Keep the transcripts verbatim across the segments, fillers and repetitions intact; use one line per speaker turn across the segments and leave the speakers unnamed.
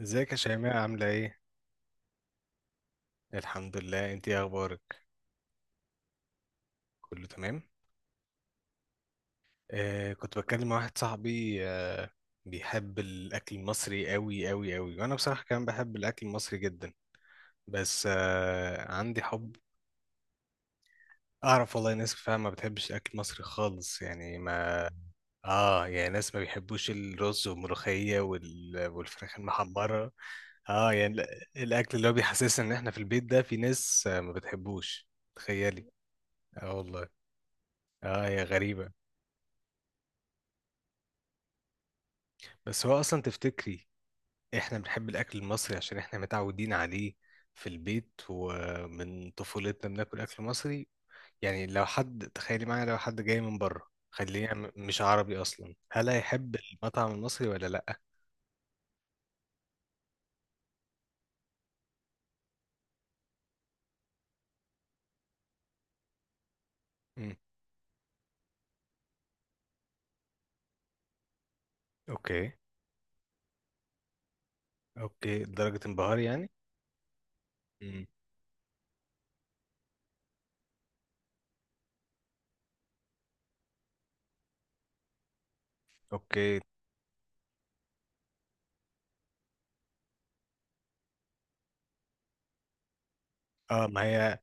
ازيك يا شيماء عاملة ايه؟ الحمد لله، انت ايه اخبارك؟ كله تمام؟ آه، كنت بتكلم مع واحد صاحبي آه بيحب الاكل المصري قوي قوي قوي، وانا بصراحة كمان بحب الاكل المصري جدا. بس آه عندي حب اعرف، والله ناس فعلا ما بتحبش الاكل المصري خالص، يعني ما. اه يعني ناس ما بيحبوش الرز والملوخية وال... والفراخ المحمرة. اه يعني ال- الاكل اللي هو بيحسسنا ان احنا في البيت، ده في ناس آه، ما بتحبوش. تخيلي. اه والله. اه هي غريبة. بس هو اصلا تفتكري احنا بنحب الاكل المصري عشان احنا متعودين عليه في البيت، ومن طفولتنا بناكل اكل مصري. يعني لو حد تخيلي معايا، لو حد جاي من بره خليه يعمل- مش عربي اصلا، هل هيحب المطعم المصري ولا لا. مم. اوكي. اوكي لدرجة انبهار يعني. مم. اوكي. اه ما هي،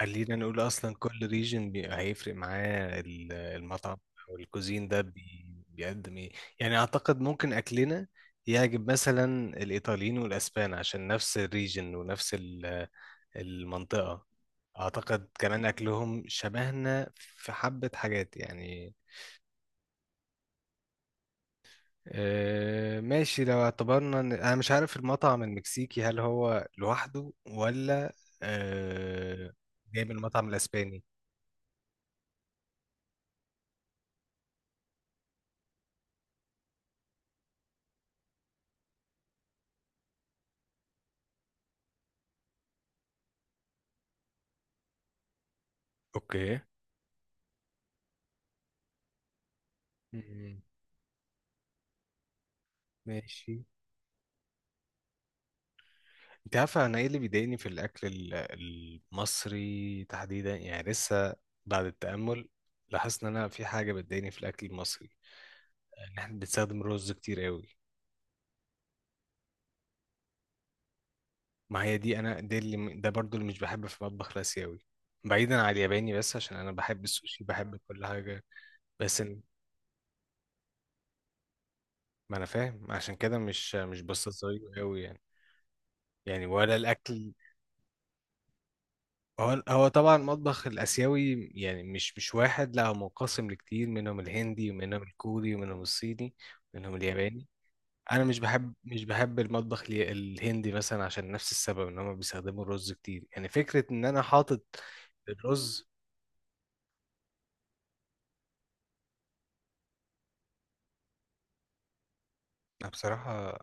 خلينا نقول اصلا كل ريجن هيفرق معاه ال- المطعم او الكوزين ده بي- بيقدم ايه. يعني اعتقد ممكن اكلنا يعجب مثلا الايطاليين والاسبان، عشان نفس الريجن ونفس ال- المنطقة. اعتقد كمان اكلهم شبهنا في حبة حاجات يعني. آه، ماشي، لو اعتبرنا ان انا مش عارف المطعم المكسيكي، هل هو لوحده ولا آه، جاي من المطعم الاسباني. اوكي. مم. ماشي. انت عارفه انا ايه اللي بيضايقني في الاكل ال- المصري تحديدا، يعني لسه بعد التامل لاحظت ان انا في حاجه بتضايقني في الاكل المصري. ان احنا بنستخدم رز كتير قوي. ما هي دي، انا دي اللي، ده برضو اللي مش بحبه في المطبخ الاسيوي. بعيدا عن الياباني، بس عشان انا بحب السوشي، بحب كل حاجه. بس ال- ما انا فاهم، عشان كده مش مش بستظهر قوي يعني. يعني ولا الاكل. هو هو طبعا المطبخ الآسيوي يعني مش مش واحد، لا هو منقسم لكتير، منهم الهندي ومنهم الكوري ومنهم الصيني ومنهم الياباني. أنا مش بحب مش بحب المطبخ الي- الهندي مثلا، عشان نفس السبب، إن هما بيستخدموا الرز كتير، يعني فكرة إن أنا حاطط الرز. أنا بصراحة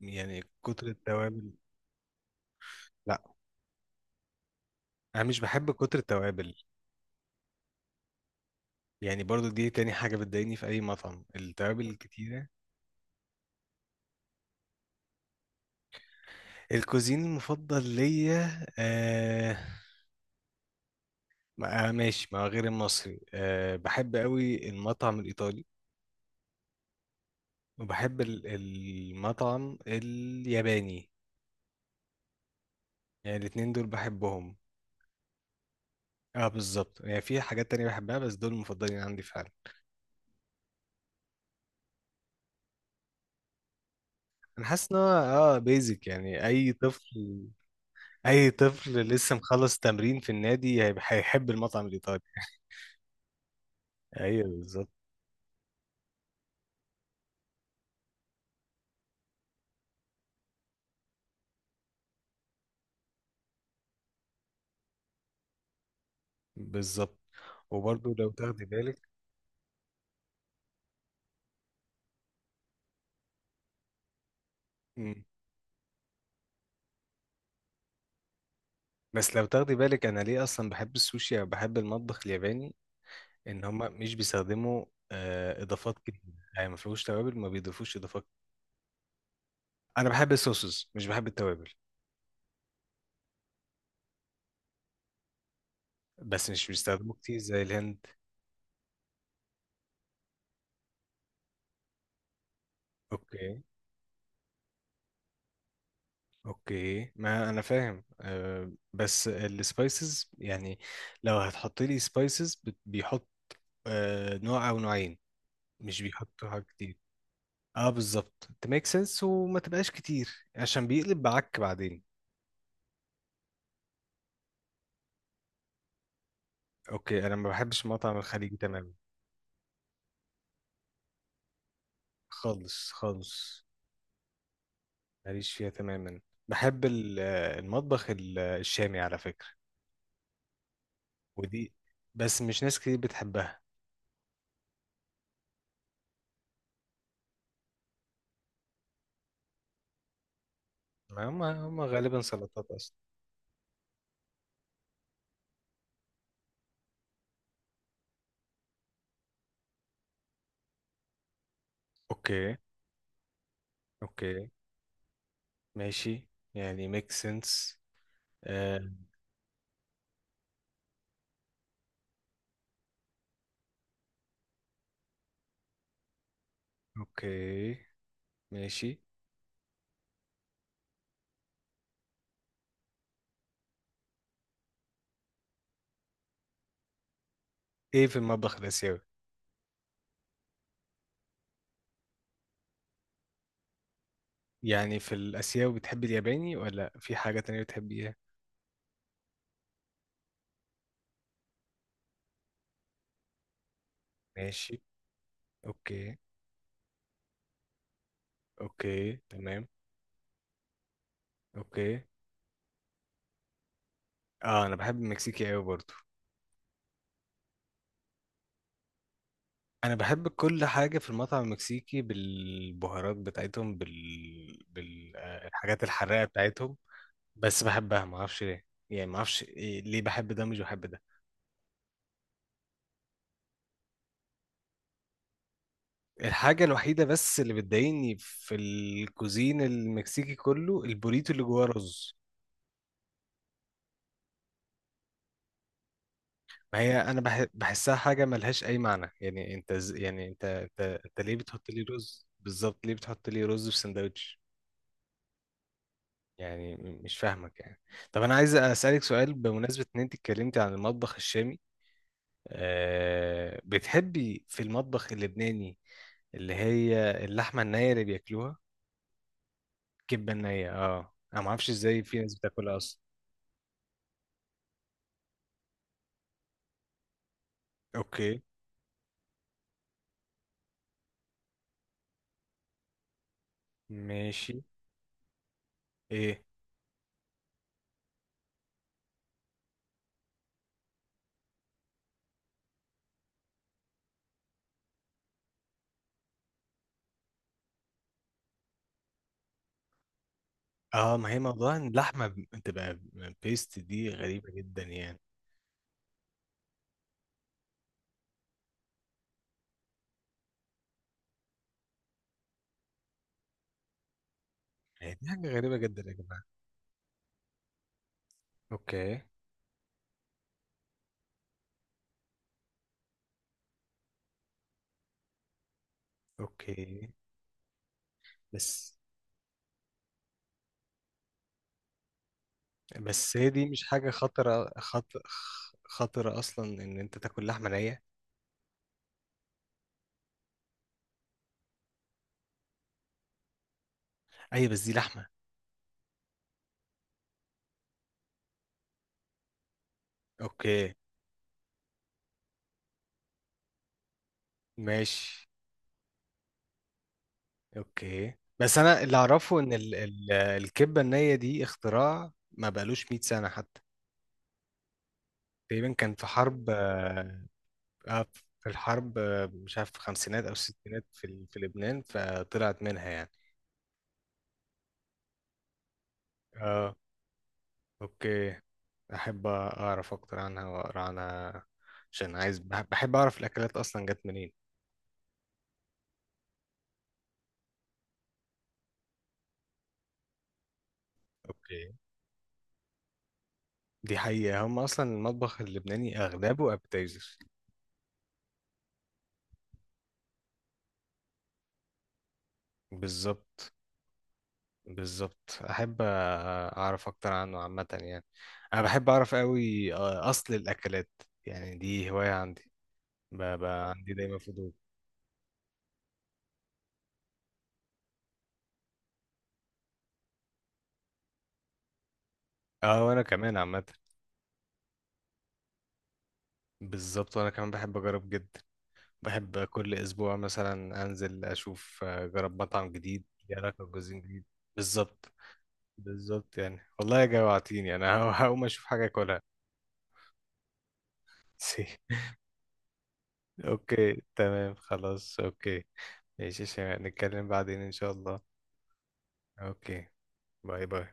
يعني كتر التوابل، لا أنا مش بحب كتر التوابل. يعني برضو دي تاني حاجة بتضايقني في أي مطعم، التوابل الكتيرة. الكوزين المفضل ليا آه ما- آه، ماشي، ما غير المصري أه بحب قوي المطعم الإيطالي، وبحب ال- المطعم الياباني. يعني الاتنين دول بحبهم. اه بالظبط، يعني في حاجات تانية بحبها، بس دول المفضلين عندي فعلا. انا حاسس ان هو اه بيزك يعني اي طفل. اي طفل لسه مخلص تمرين في النادي هيب- هيحب المطعم الإيطالي. ايوه بالظبط. بالظبط. وبرضه لو تاخدي بالك. مم. بس لو تاخدي بالك انا ليه اصلا بحب السوشي او بحب المطبخ الياباني، ان هم مش بيستخدموا آه، اضافات كتير. يعني ما فيهوش توابل، ما بيضيفوش اضافات. انا بحب الصوصز مش بحب التوابل. بس مش بيستخدموا كتير زي الهند. اوكي. اوكي ما انا فاهم، أه بس السبايسز يعني، لو هتحط لي سبايسز بيحط أه نوع او نوعين، مش بيحطوا حاجات كتير. اه بالظبط، تميك سنس، وما تبقاش كتير عشان بيقلب بعك بعدين. اوكي انا ما بحبش المطعم الخليجي تماما، خالص خالص. ماليش فيها تماما. بحب ال- المطبخ ال- الشامي على فكرة، ودي بس مش ناس كتير بتحبها. هم هم غالبا سلطات أصلا. أوكي. أوكي، ماشي، يعني ميك سنس. آه. أوكي، ماشي. إيه في المطبخ الآسيوي؟ يعني في الآسيوي بتحب الياباني ولا في حاجة تانية بتحبيها؟ ماشي. أوكي. أوكي تمام. أوكي. آه، أنا بحب المكسيكي أوي برضه. انا بحب كل حاجه في المطعم المكسيكي، بالبهارات بتاعتهم، بال بالحاجات الحراقه بتاعتهم. بس بحبها ما اعرفش ليه. يعني ما اعرفش إيه- ليه بحب ده مش بحب ده. الحاجه الوحيده بس اللي بتضايقني في الكوزين المكسيكي كله، البوريتو اللي جواه رز. ما هي انا بح- بحسها حاجه ملهاش اي معنى، يعني انت ز... يعني انت انت انت ليه بتحط لي رز، بالظبط ليه بتحط لي رز في سندوتش. يعني م- مش فاهمك يعني. طب انا عايز اسالك سؤال بمناسبه ان انت اتكلمتي عن المطبخ الشامي. أه بتحبي في المطبخ اللبناني اللي هي اللحمه النيه اللي بياكلوها؟ كبه النيه، اه انا ما اعرفش ازاي في ناس بتاكلها اصلا. اوكي. ماشي. ايه. اه ما هي موضوع ان اللحمه ب- بتبقى بيست دي غريبه جدا يعني. هي دي حاجه غريبه جدا يا جماعه. اوكي. اوكي. بس. بس هي دي مش حاجة خطرة خط... خطرة أصلا، إن أنت تاكل لحمة نية. أيوة بس دي لحمة. أوكي. ماشي. أوكي بس أنا اللي أعرفه إن ال... ال... الكبة النية دي اختراع ما بقالوش مية سنة حتى. تقريبا كان في حرب آه آه، في الحرب، آه، مش عارف، في الخمسينات أو الستينات في, ال... في لبنان، فطلعت منها يعني. اه. اوكي. احب اعرف اكتر عنها واقرا عنها، عشان عايز بح- بحب اعرف الاكلات اصلا جت منين. اوكي. دي حقيقة، هم أصلا المطبخ اللبناني أغلبه appetizers. بالظبط. بالظبط، أحب أ- أعرف أكتر عنه عامة يعني. أنا بحب أعرف أوي آه، أصل الأكلات، يعني دي هواية عندي، بقى عندي دايما فضول. أه وأنا كمان عامة. بالظبط وأنا كمان بحب أجرب جدا. بحب كل أسبوع مثلا أنزل أشوف آه، أجرب مطعم جديد ليه علاقة بجوزين جديد. بالظبط. بالظبط، يعني والله جوعتيني أنا هقوم أشوف حاجة أكلها. اوكي تمام، خلاص، اوكي. ماشي يا شيماء، نتكلم بعدين ان شاء الله. اوكي. باي باي.